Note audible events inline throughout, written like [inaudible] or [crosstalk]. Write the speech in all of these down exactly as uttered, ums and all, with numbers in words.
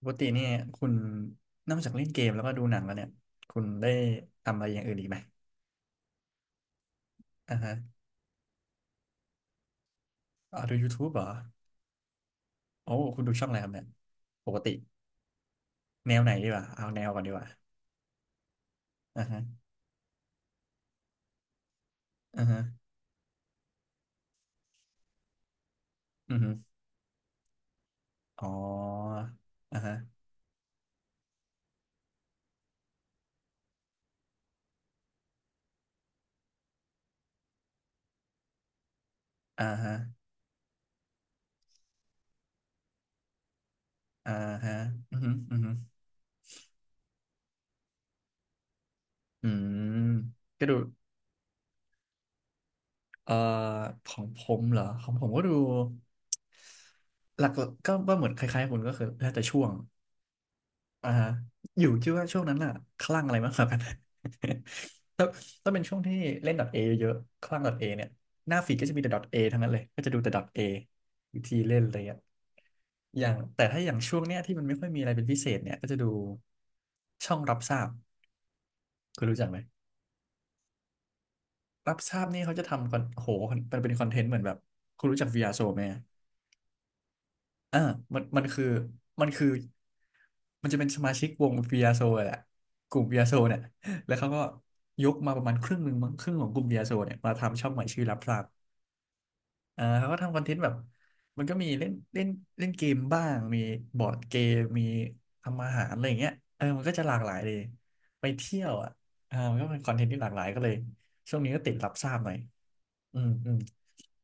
ปกติเนี่ยคุณนอกจากเล่นเกมแล้วก็ดูหนังแล้วเนี่ยคุณได้ทำอะไรอย่างอื่นอีกไหมอ่าฮะอาดู YouTube เหรอโอ้คุณดูช่องอะไรครับเนี่ยปกติแนวไหนดีกว่าเอาแนวก่อนดีกว่าอ่าฮะอ่าฮะอือฮึอ๋ออ่าฮะอ่าฮะอ่าฮะอือฮึอือฮึอืมก็ดูเอ่อของผมเหรอของผมก็ดูหลักๆก็ว่าเหมือนคล้ายๆคุณก็คือแล้วแต่ช่วง อ่าฮะอยู่คิดว่าช่วงนั้นน่ะคลั่งอะไรมากกว่ากัน [laughs] ถ้าถ้าเป็นช่วงที่เล่น .A เยอะๆคลั่ง .A เนี่ยหน้าฟีดก็จะมีแต่ .A ทั้งนั้นเลยก็จะดูแต่ .A วิธีเล่นอะไรอย่างอย่างแต่ถ้าอย่างช่วงเนี้ยที่มันไม่ค่อยมีอะไรเป็นพิเศษเนี่ยก็จะดูช่องรับทราบคุณรู้จักไหมรับทราบนี่เขาจะทำคอนโอ้โหมันเป็นคอนเทนต์เหมือนแบบคุณรู้จัก วี อาร์ Show ไหม อ่ามันมันคือมันคือมันจะเป็นสมาชิกวงเบียโซแหละกลุ่มเบียโซเนี่ยแล้วเขาก็ยกมาประมาณครึ่งหนึ่งมั้งครึ่งของกลุ่มเบียโซเนี่ยมาทำช่องใหม่ชื่อรับทราบอ่าเขาก็ทำคอนเทนต์แบบมันก็มีเล่นเล่นเล่นเกมบ้างมีบอร์ดเกมมีทำอาหารอะไรอย่างเงี้ยเออมันก็จะหลากหลายเลยไปเที่ยวอ่ะอ่ามันก็เป็นคอนเทนต์ที่หลากหลายก็เลยช่วงนี้ก็ติดรับทราบหน่อยอืมอืม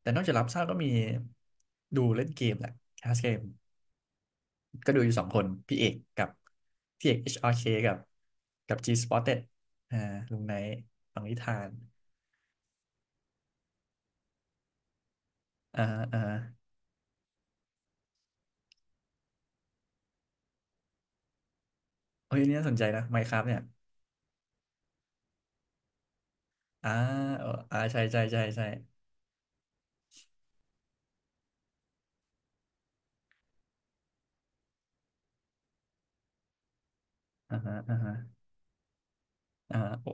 แต่นอกจากรับทราบก็มีดูเล่นเกมแหละแคสเกม ก็ดูอยู่สองคนพี่เอกกับพี่เอก เอช อาร์ เค กับกับ G Spotted อ่าลุงไนท์ฟังนิทาน อ่าอ่าโอ้ยอันนี่น่าสนใจนะ Minecraft เนี่ย อ่าเอออ่าใช่ใช่ใช่ใช่อ่าฮะอ่าฮะอ่าโอ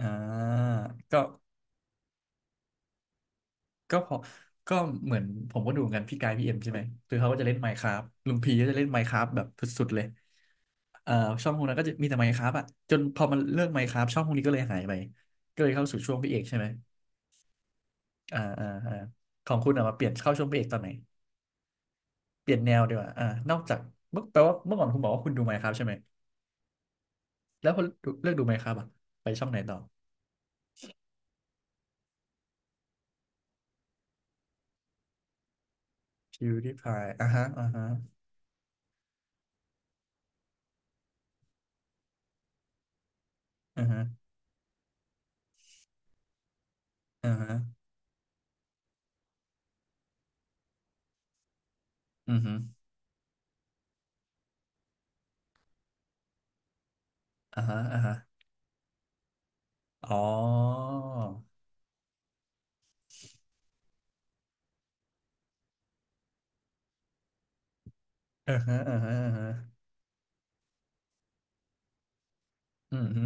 อ่าก็ก็พอก็เหมือนผมก็ดูเหมือนกันพี่กายพี่เอ็มใช่ไหมคือเขาก็จะเล่น Minecraft ลุงพีก็จะเล่น Minecraft แบบสุดๆเลยเอ่อช่องพวกนั้นก็จะมีแต่ Minecraft อ่ะจนพอมันเลิก Minecraft ช่องพวกนี้ก็เลยหายไปก็เลยเข้าสู่ช่วงพี่เอกใช่ไหม อ่าอ่าอ่าของคุณอะมาเปลี่ยนเข้าช่วงพระเอกตอนไหนเปลี่ยนแนวดีกว่าอ่านอกจากเมื่อแปลว่าเมื่อก่อนคุณบอกว่าคุณดูไมน์คราฟใช่ไหมแล้วพอดูเลือกดูไมน์คราฟอะไปช่องไหนต่อ PewDiePie อ่าฮะอ่าฮะอ่าฮะอ่าฮะอือฮึอ่าฮะอ่าฮะอ๋ออ่าฮะอ่าฮะอ่าฮะอือฮึ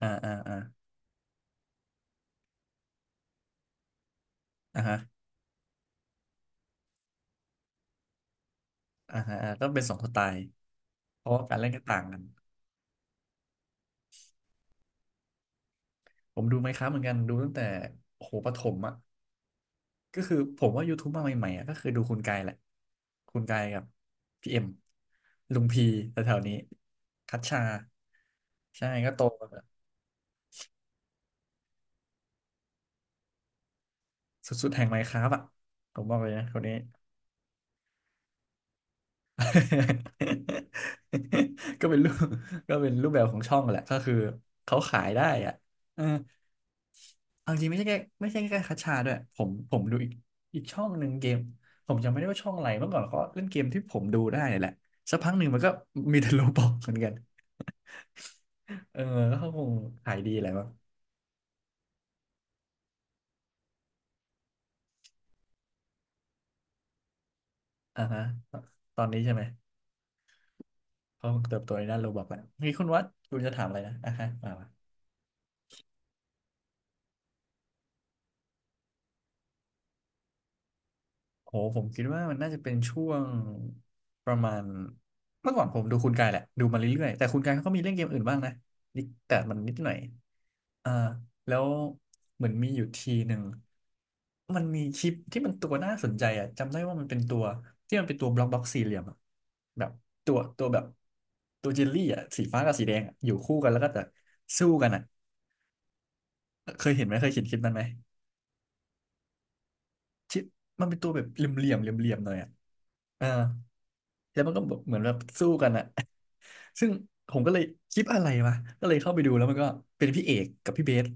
อ่าอ่าอ่าอ่าฮะอ่าฮะอ่าก็เป็นสองสไตล์เพราะว่าการเล่นก็ต่างกันผมดูไมน์คราฟเหมือนกันดูตั้งแต่โอ้โหประถมอะ ก็คือผมว่า YouTube มาใหม่ๆอ่ะก็คือดูคุณกายแหละคุณกายกับพี่เอ็มลุงพีแถวๆนี้คัชชาใช่ก็โตมาแบบสุดๆแห่งไมน์คราฟอ่ะผมบอกเลยนะคนนี้ [laughs] ก็เป็นรูปก็เป็นรูปแบบของช่องแหละก็คือเขาขายได้อ่ะเออเอาจริงไม่ใช่แค่ไม่ใช่แค่คัชชาด้วยผมผมดูอีกอีกช่องหนึ่งเกมผมจำไม่ได้ว่าช่องอะไรเมื่อก่อนเขาเล่นเกมที่ผมดูได้เนี่ยแหละสักพักหนึ่งมันก็มีแต่ [laughs] โลบอกเหมือนกัน เออก็เขาคงขายดีแหละมั้งอ่าฮะตอนนี้ใช่ไหมเขาคงเติบโตในด้านโรบอทแหละ มีคุณวัดคุณจะถามอะไรนะอ่าฮะมา โหผมคิดว่ามันน่าจะเป็นช่วงประมาณเมื่อก่อนผมดูคุณกายแหละดูมาเรื่อยๆแต่คุณกายเขาก็มีเล่นเกมอื่นบ้างนะนิดแต่มันนิดหน่อยอ่าแล้วเหมือนมีอยู่ทีหนึ่งมันมีคลิปที่มันตัวน่าสนใจอ่ะจำได้ว่ามันเป็นตัวที่มันเป็นตัวบล็อกบล็อกสี่เหลี่ยมอ่ะแบบตัวตัวแบบตัวเจลลี่อ่ะสีฟ้ากับสีแดงอะอยู่คู่กันแล้วก็จะสู้กันอ่ะเคยเห็นไหมเคยเห็นคลิปนั้นไหมที่มันเป็นตัวแบบเหลี่ยมๆเหลี่ยมเหลี่ยมหน่อยอ่ะ เออแล้วมันก็แบบเหมือนแบบสู้กันอะ [laughs] ซึ่งผมก็เลยคลิปอะไรวะก็เลยเข้าไปดูแล้วมันก็เป็นพี่เอกกับพี่เบส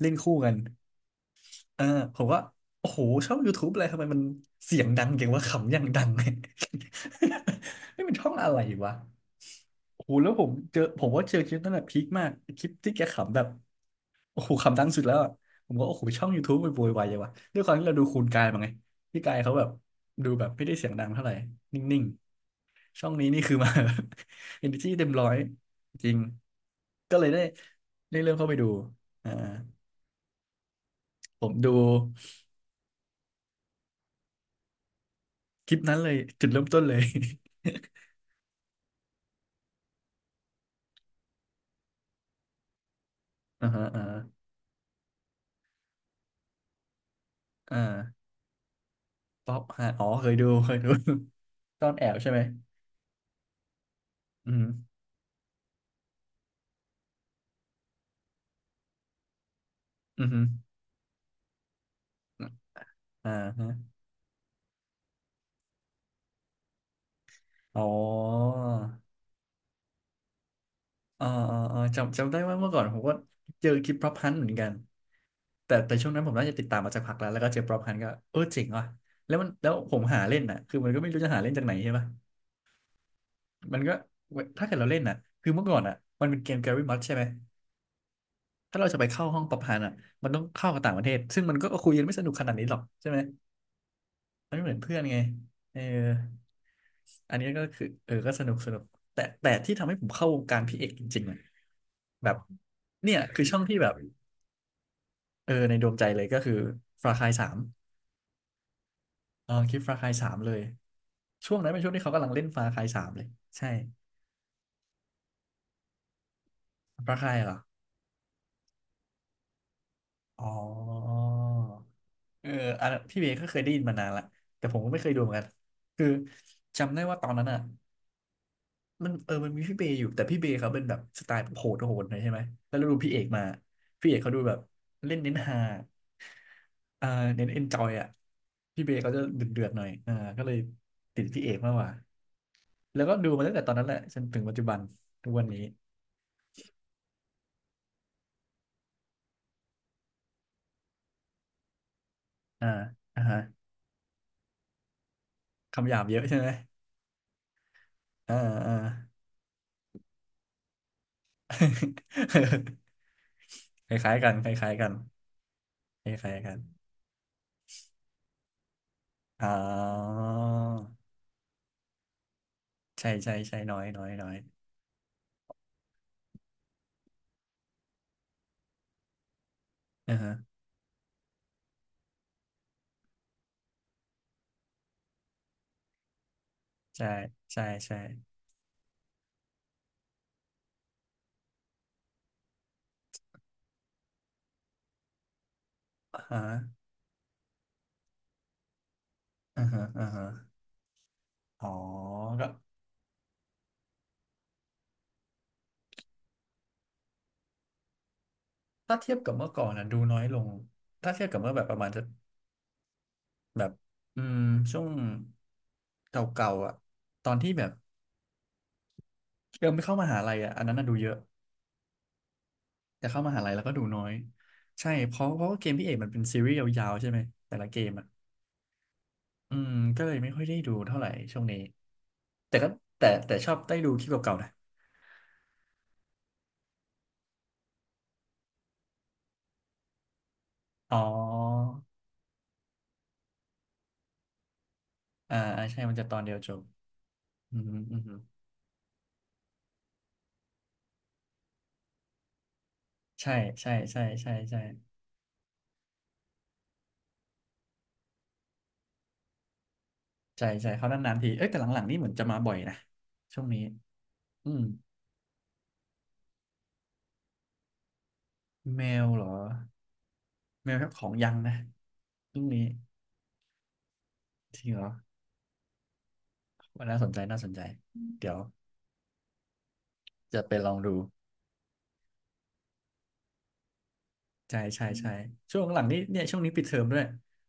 เล่นคู่กัน เออผมว่าโอ้โหช่อง YouTube อะไรทำไมมันเสียงดังเก่งว่าขำอย่างดัง [laughs] เนี่ย [laughs] ไม่เป็นช่องอะไรวะโอ้โหแล้วผมเจอผมว่าเจอคลิปนั้นแหละพีคมากคลิปที่แกขำแบบโอ้โหขำดังสุดแล้วอะผมก็โอ้โหช่อง YouTube ไปโวยวายยังวะด้วยความที่เราดูคูณกายมาไงพี่กายเขาแบบดูแบบไม่ได้เสียงดังเท่าไหร่นิ่งๆช่องนี้นี่คือมา [laughs] energy เนอร์จีเต็มร้อยจริงก็เลยได้ได้เริ่มเข้าไปดูอ่าผมดู คลิปนั้นเลยจุดเริ่มต้นเลย [laughs] อ่าฮะอ่าฮะอ่าป๊อปฮะอ๋อเคยดูเคยดู [laughs] ซ่อนแอบใช่ไหมอืมอืมอออ่าฮะอ๋ออ่าอ่าอ่าจำจำได้ว่าเมื่อก่อนผมก็เจอคลิปป๊อปฮันเหมือนกัน แต่แต่ช่วงนั้นผมน่าจะติดตามมาจากพักแล้ว แล้วก็เจอป๊อปฮันก็เออเจ๋งว่ะแล้วมันแล้วผมหาเล่นน่ะ คือมันก็ไม่รู้จะหาเล่นจากไหนใช่ปะมันก็ถ้าเกิดเราเล่นน่ะคือเมื่อก่อนอ่ะมันเป็นเกมแกรี่มัดใช่ไหมถ้าเราจะไปเข้าห้องป๊อปฮันอ่ะมันต้องเข้ากับต่างประเทศซึ่งมันก็คุยกันไม่สนุกขนาดนี้หรอกใช่ไหม มันไม่เหมือนเพื่อนไงเอออันนี้ก็คือเออก็สนุกสนุกแต่แต่ที่ทำให้ผมเข้าวงการพี่เอกจริงๆเลยแบบเนี่ยคือช่องที่แบบเออในดวงใจเลยก็คือฟาคายสามเออคลิปฟาคายสามเลยช่วงนั้นเป็นช่วงที่เขากำลังเล่นฟาคายสามเลยใช่ฟาคายเหรออ๋อเอออันนั้นพี่เบย์ก็เคยได้ยินมานานละแต่ผมก็ไม่เคยดูเหมือนกันคือจำได้ว่าตอนนั้นอ่ะ มันเออมันมีพี่เบย์อยู่แต่พี่เบย์เขาเป็นแบบสไตล์โหดโหดหน่อยใช่ไหมแล้วเราดูพี่เอกมาพี่เอกเขาดูแบบเล่นเน้นฮาอ่าเน้นเอนจอยอ่ะพี่เบย์เขาจะเดือดเดือดหน่อยอ่าก็เลยติดพี่เอกมากกว่าแล้วก็ดูมาตั้งแต่ตอนนั้นแหละจนถึงปัจจุบันทุกวันนี้อ่าอ่าฮะคำหยาบเยอะใช่ไหมอ่าอ่า [laughs] คล้ายๆกันคล้ายๆกันคล้ายๆกันอ๋อใช่ใช่ใช่น้อยน้อยน้อยอ่าฮะใช่ใช่ใช่อ่าฮะ อ่าฮะอ่าฮะอ๋อก็ถ้าเทียบกับเมื่อก่อนนะดูน้อยลงถ้าเทียบกับเมื่อแบบประมาณจะแบบอืมช่วงเก่าๆอ่ะตอนที่แบบเริ่มไม่เข้ามหาลัยอ่ะอันนั้นน่ะดูเยอะแต่เข้ามหาลัยแล้วก็ดูน้อย ใช่เพราะเพราะว่าเกมพี่เอกมันเป็นซีรีส์ยาวๆใช่ไหมแต่ละเกมอ่ะอืมก็เลยไม่ค่อยได้ดูเท่าไหร่ช่วงนี้แต่ก็แต่แต่ชอบได้ดูคลิปเก่าๆนะอ๋ออ่าอ่าใช่มันจะตอนเดียวจบอืมอืมอืมใช่ ใช่ใช่ใช่ใช่ ใช่ใช่เขานานๆทีเอ้ยแต่หลังๆนี่เหมือนจะมาบ่อยนะช่วงนี้อืมแมวเหรอแมวของยังนะช่วงนี้จริงเหรอว่าน่าสนใจน่าสนใจเดี๋ยวจะไปลองดูใช่ใช่ใช่ช่วงหลังนี้เนี่ยช่วงนี้ปิดเทอมด้วย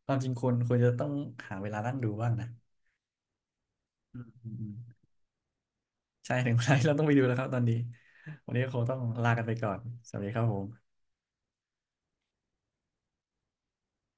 ความจริงควรควรจะต้องหาเวลานั่งดูบ้างนะอืมอืมอืมใช่ถึงเวลาที่เราต้องไปดูแล้วครับตอนนี้วันนี้ก็คงต้องลากันไปก่อนสวัสดีครับผม